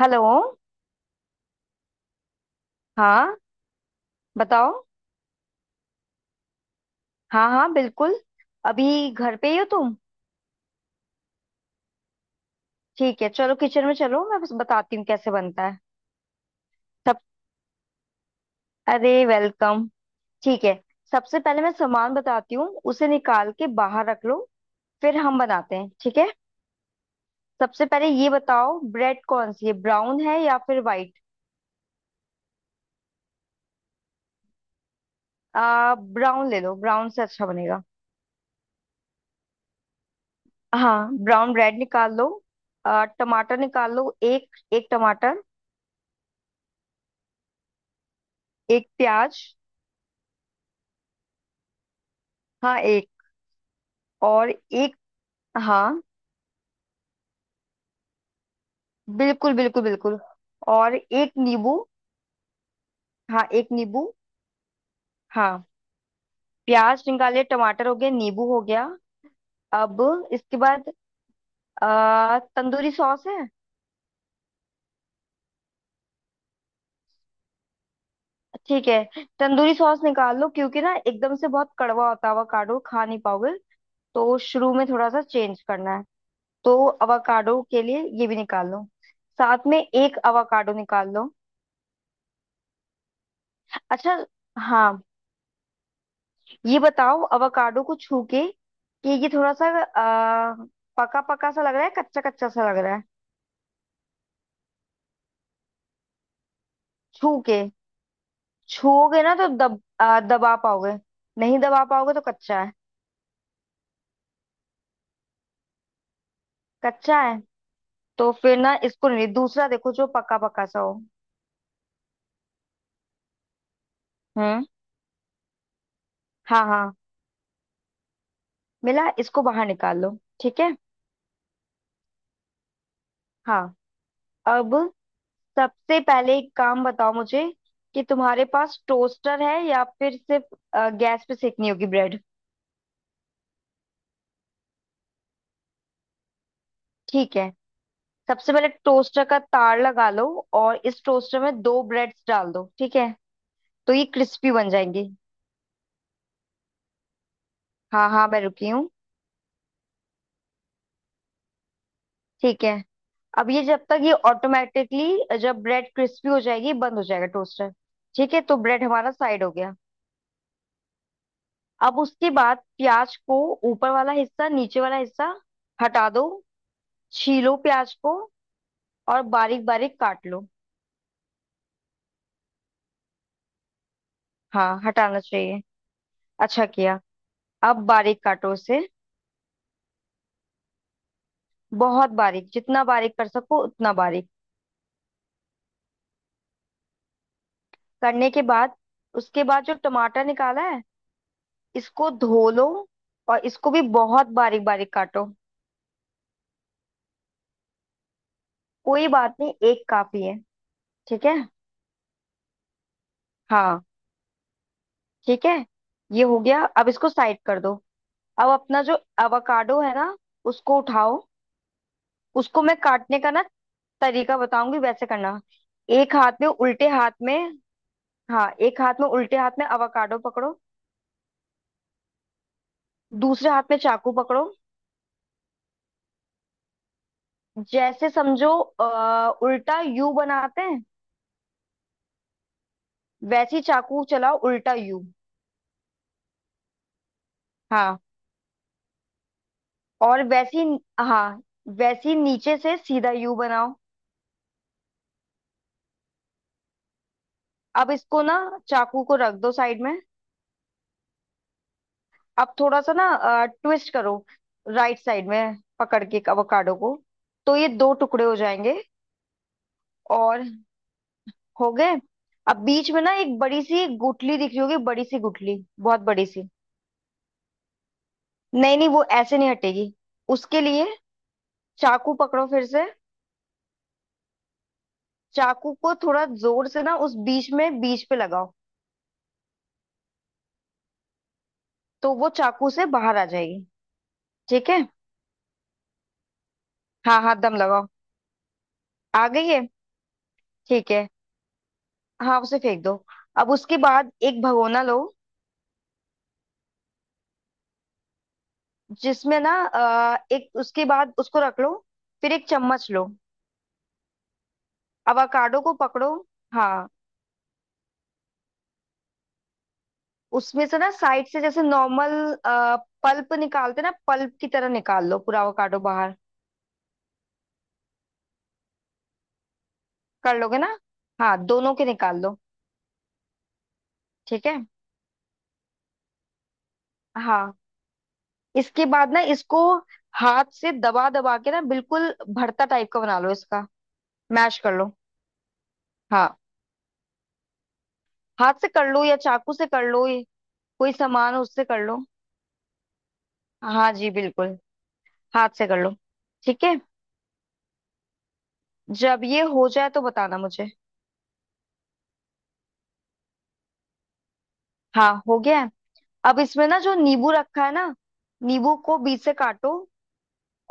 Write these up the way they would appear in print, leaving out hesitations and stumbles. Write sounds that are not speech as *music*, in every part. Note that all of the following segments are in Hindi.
हेलो। हाँ, बताओ। हाँ हाँ बिल्कुल। अभी घर पे ही हो तुम? ठीक है, चलो किचन में चलो, मैं बस बताती हूँ कैसे बनता है। सब... अरे, वेलकम। ठीक है। सबसे पहले मैं सामान बताती हूँ, उसे निकाल के बाहर रख लो, फिर हम बनाते हैं, ठीक है। सबसे पहले ये बताओ, ब्रेड कौन सी है, ब्राउन है या फिर वाइट? आ ब्राउन ले लो, ब्राउन से अच्छा बनेगा। हाँ, ब्राउन ब्रेड निकाल लो। टमाटर निकाल लो, एक एक टमाटर। एक प्याज। हाँ, एक और एक। हाँ, बिल्कुल बिल्कुल बिल्कुल। और एक नींबू। हाँ, एक नींबू। हाँ, प्याज निकाले, टमाटर हो गया, नींबू हो गया। अब इसके बाद तंदूरी सॉस है। ठीक है। तंदूरी सॉस निकाल लो, क्योंकि ना एकदम से बहुत कड़वा होता है, अवाकाडो खा नहीं पाओगे। तो शुरू में थोड़ा सा चेंज करना है। तो अवाकाडो के लिए ये भी निकाल लो। साथ में एक अवाकाडो निकाल लो। अच्छा। हाँ, ये बताओ अवोकाडो को छू के कि ये थोड़ा सा पका पका सा लग रहा है, कच्चा कच्चा सा लग रहा है? छू के... छूओगे ना तो दबा पाओगे। नहीं दबा पाओगे तो कच्चा है। कच्चा है तो फिर ना इसको नहीं, दूसरा देखो जो पका पका सा हो। हम्म। हाँ हाँ, मिला। इसको बाहर निकाल लो, ठीक है। हाँ, अब सबसे पहले एक काम बताओ मुझे, कि तुम्हारे पास टोस्टर है या फिर सिर्फ गैस पे सेकनी होगी ब्रेड? ठीक है, सबसे पहले टोस्टर का तार लगा लो। और इस टोस्टर में दो ब्रेड्स डाल दो, ठीक है। तो ये क्रिस्पी बन जाएंगी। हाँ हाँ, मैं रुकी हूँ। ठीक है। अब ये जब तक ये ऑटोमेटिकली जब ब्रेड क्रिस्पी हो जाएगी बंद हो जाएगा टोस्टर। ठीक है, तो ब्रेड हमारा साइड हो गया। अब उसके बाद प्याज को ऊपर वाला हिस्सा, नीचे वाला हिस्सा हटा दो, छीलो प्याज को, और बारीक बारीक काट लो। हाँ, हटाना चाहिए। अच्छा किया। अब बारीक काटो उसे, बहुत बारीक, जितना बारीक कर सको उतना बारीक। करने के बाद, उसके बाद जो टमाटर निकाला है इसको धो लो, और इसको भी बहुत बारीक बारीक काटो। कोई बात नहीं, एक काफी है, ठीक है। हाँ ठीक है, ये हो गया, अब इसको साइड कर दो। अब अपना जो एवोकाडो है ना, उसको उठाओ। उसको मैं काटने का ना तरीका बताऊंगी, वैसे करना। एक हाथ में, उल्टे हाथ में... हाँ, एक हाथ में, उल्टे हाथ में एवोकाडो पकड़ो। दूसरे हाथ में चाकू पकड़ो। जैसे समझो उल्टा यू बनाते हैं, वैसी चाकू चलाओ, उल्टा यू। हाँ और वैसी... हाँ, वैसी नीचे से सीधा यू बनाओ। अब इसको ना चाकू को रख दो साइड में। अब थोड़ा सा ना ट्विस्ट करो, राइट साइड में पकड़ के अवोकाडो को, तो ये दो टुकड़े हो जाएंगे। और हो गए। अब बीच में ना एक बड़ी सी गुठली दिख रही होगी, बड़ी सी गुठली, बहुत बड़ी सी। नहीं नहीं, वो ऐसे नहीं हटेगी। उसके लिए चाकू पकड़ो फिर से। चाकू को थोड़ा जोर से ना उस बीच में, बीच पे लगाओ, तो वो चाकू से बाहर आ जाएगी। ठीक है। हाँ हाँ, दम लगाओ, आ गई है। ठीक है, हाँ उसे फेंक दो। अब उसके बाद एक भगोना लो, जिसमें ना एक... उसके बाद उसको रख लो, फिर एक चम्मच लो। अवाकाडो को पकड़ो। हाँ, उसमें से ना साइड से जैसे नॉर्मल पल्प निकालते ना, पल्प की तरह निकाल लो, पूरा अवाकाडो बाहर। कर लोगे ना? हाँ, दोनों के निकाल लो। ठीक है। हाँ, इसके बाद ना इसको हाथ से दबा दबा के ना बिल्कुल भरता टाइप का बना लो इसका, मैश कर लो। हाँ, हाथ से कर लो या चाकू से कर लो, कोई सामान हो उससे कर लो। हाँ जी बिल्कुल, हाथ से कर लो, ठीक है। जब ये हो जाए तो बताना मुझे। हाँ, हो गया है। अब इसमें ना जो नींबू रखा है ना, नींबू को बीच से काटो,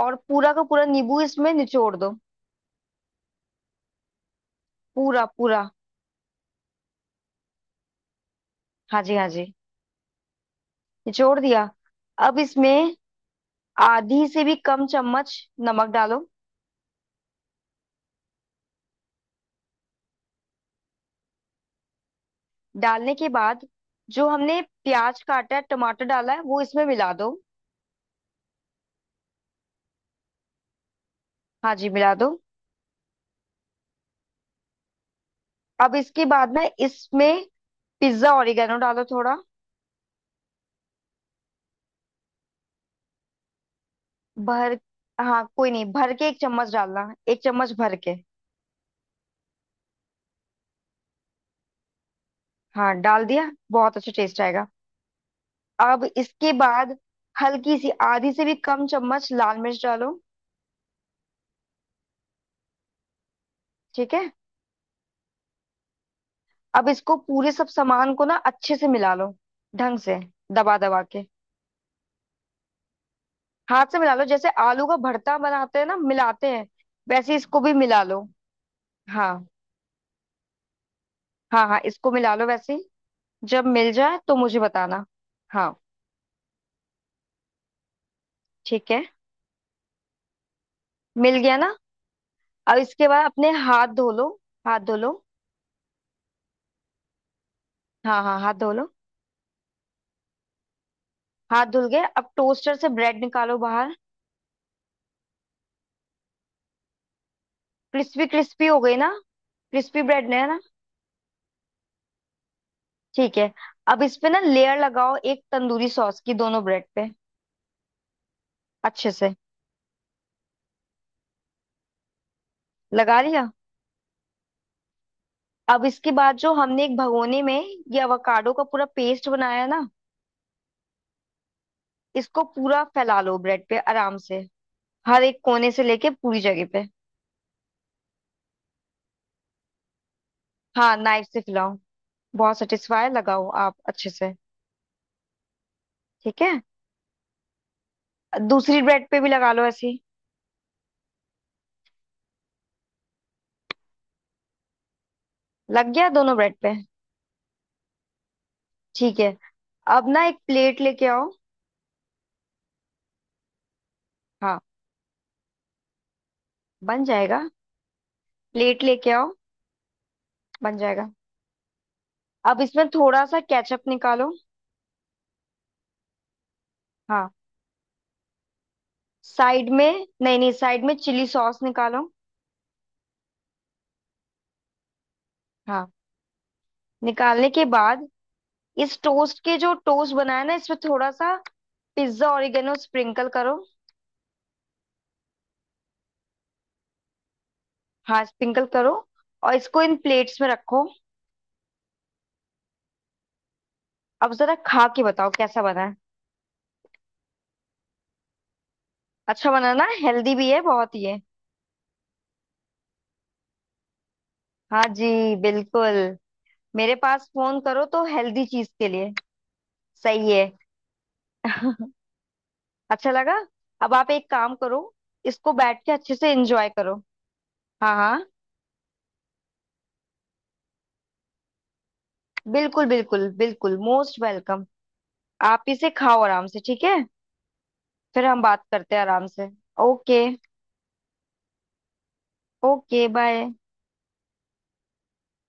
और पूरा का पूरा नींबू इसमें निचोड़ दो। पूरा पूरा। हाँ जी, हाँ जी, निचोड़ दिया। अब इसमें आधी से भी कम चम्मच नमक डालो। डालने के बाद जो हमने प्याज काटा है, टमाटर डाला है, वो इसमें मिला दो। हाँ जी, मिला दो। अब इसके बाद ना इसमें पिज्जा ओरिगेनो डालो थोड़ा भर। हाँ, कोई नहीं, भर के एक चम्मच डालना, एक चम्मच भर के। हाँ, डाल दिया, बहुत अच्छा टेस्ट आएगा। अब इसके बाद हल्की सी आधी से भी कम चम्मच लाल मिर्च डालो। ठीक है। अब इसको, पूरे सब सामान को ना अच्छे से मिला लो, ढंग से, दबा दबा के। हाथ से मिला लो, जैसे आलू का भरता बनाते हैं ना मिलाते हैं, वैसे इसको भी मिला लो। हाँ हाँ, हाँ इसको मिला लो वैसे ही। जब मिल जाए तो मुझे बताना। हाँ ठीक है, मिल गया ना? अब इसके बाद अपने हाथ धो लो, हाथ धो लो। हाँ हाँ, हाथ धो लो। हाथ धुल गए, अब टोस्टर से ब्रेड निकालो बाहर। क्रिस्पी क्रिस्पी हो गई ना? क्रिस्पी ब्रेड ने है ना? ठीक है। अब इस पे ना लेयर लगाओ एक तंदूरी सॉस की, दोनों ब्रेड पे, अच्छे से लगा लिया। अब इसके बाद जो हमने एक भगोने में ये अवोकाडो का पूरा पेस्ट बनाया है ना, इसको पूरा फैला लो ब्रेड पे आराम से, हर एक कोने से लेके पूरी जगह पे। हाँ, नाइफ से फैलाओ, बहुत सेटिस्फाई लगाओ आप अच्छे से। ठीक है। दूसरी ब्रेड पे भी लगा लो ऐसे ही। लग गया दोनों ब्रेड पे। ठीक है, अब ना एक प्लेट लेके आओ। हाँ, बन जाएगा। प्लेट लेके आओ। बन जाएगा। अब इसमें थोड़ा सा केचप निकालो। हाँ, साइड में... नहीं नहीं, साइड में चिली सॉस निकालो। हाँ, निकालने के बाद इस टोस्ट के, जो टोस्ट बनाया ना, इसमें थोड़ा सा पिज्जा ओरिगेनो स्प्रिंकल करो। हाँ, स्प्रिंकल करो, और इसको इन प्लेट्स में रखो। अब जरा खा के बताओ, कैसा बना है? अच्छा बना ना, हेल्दी भी है बहुत ही। हाँ जी, बिल्कुल। मेरे पास फोन करो तो हेल्दी चीज के लिए। सही है। *laughs* अच्छा लगा। अब आप एक काम करो, इसको बैठ के अच्छे से एंजॉय करो। हाँ हाँ, बिल्कुल बिल्कुल बिल्कुल, मोस्ट वेलकम। आप इसे खाओ आराम से, ठीक है। फिर हम बात करते हैं आराम से। ओके। Okay, bye.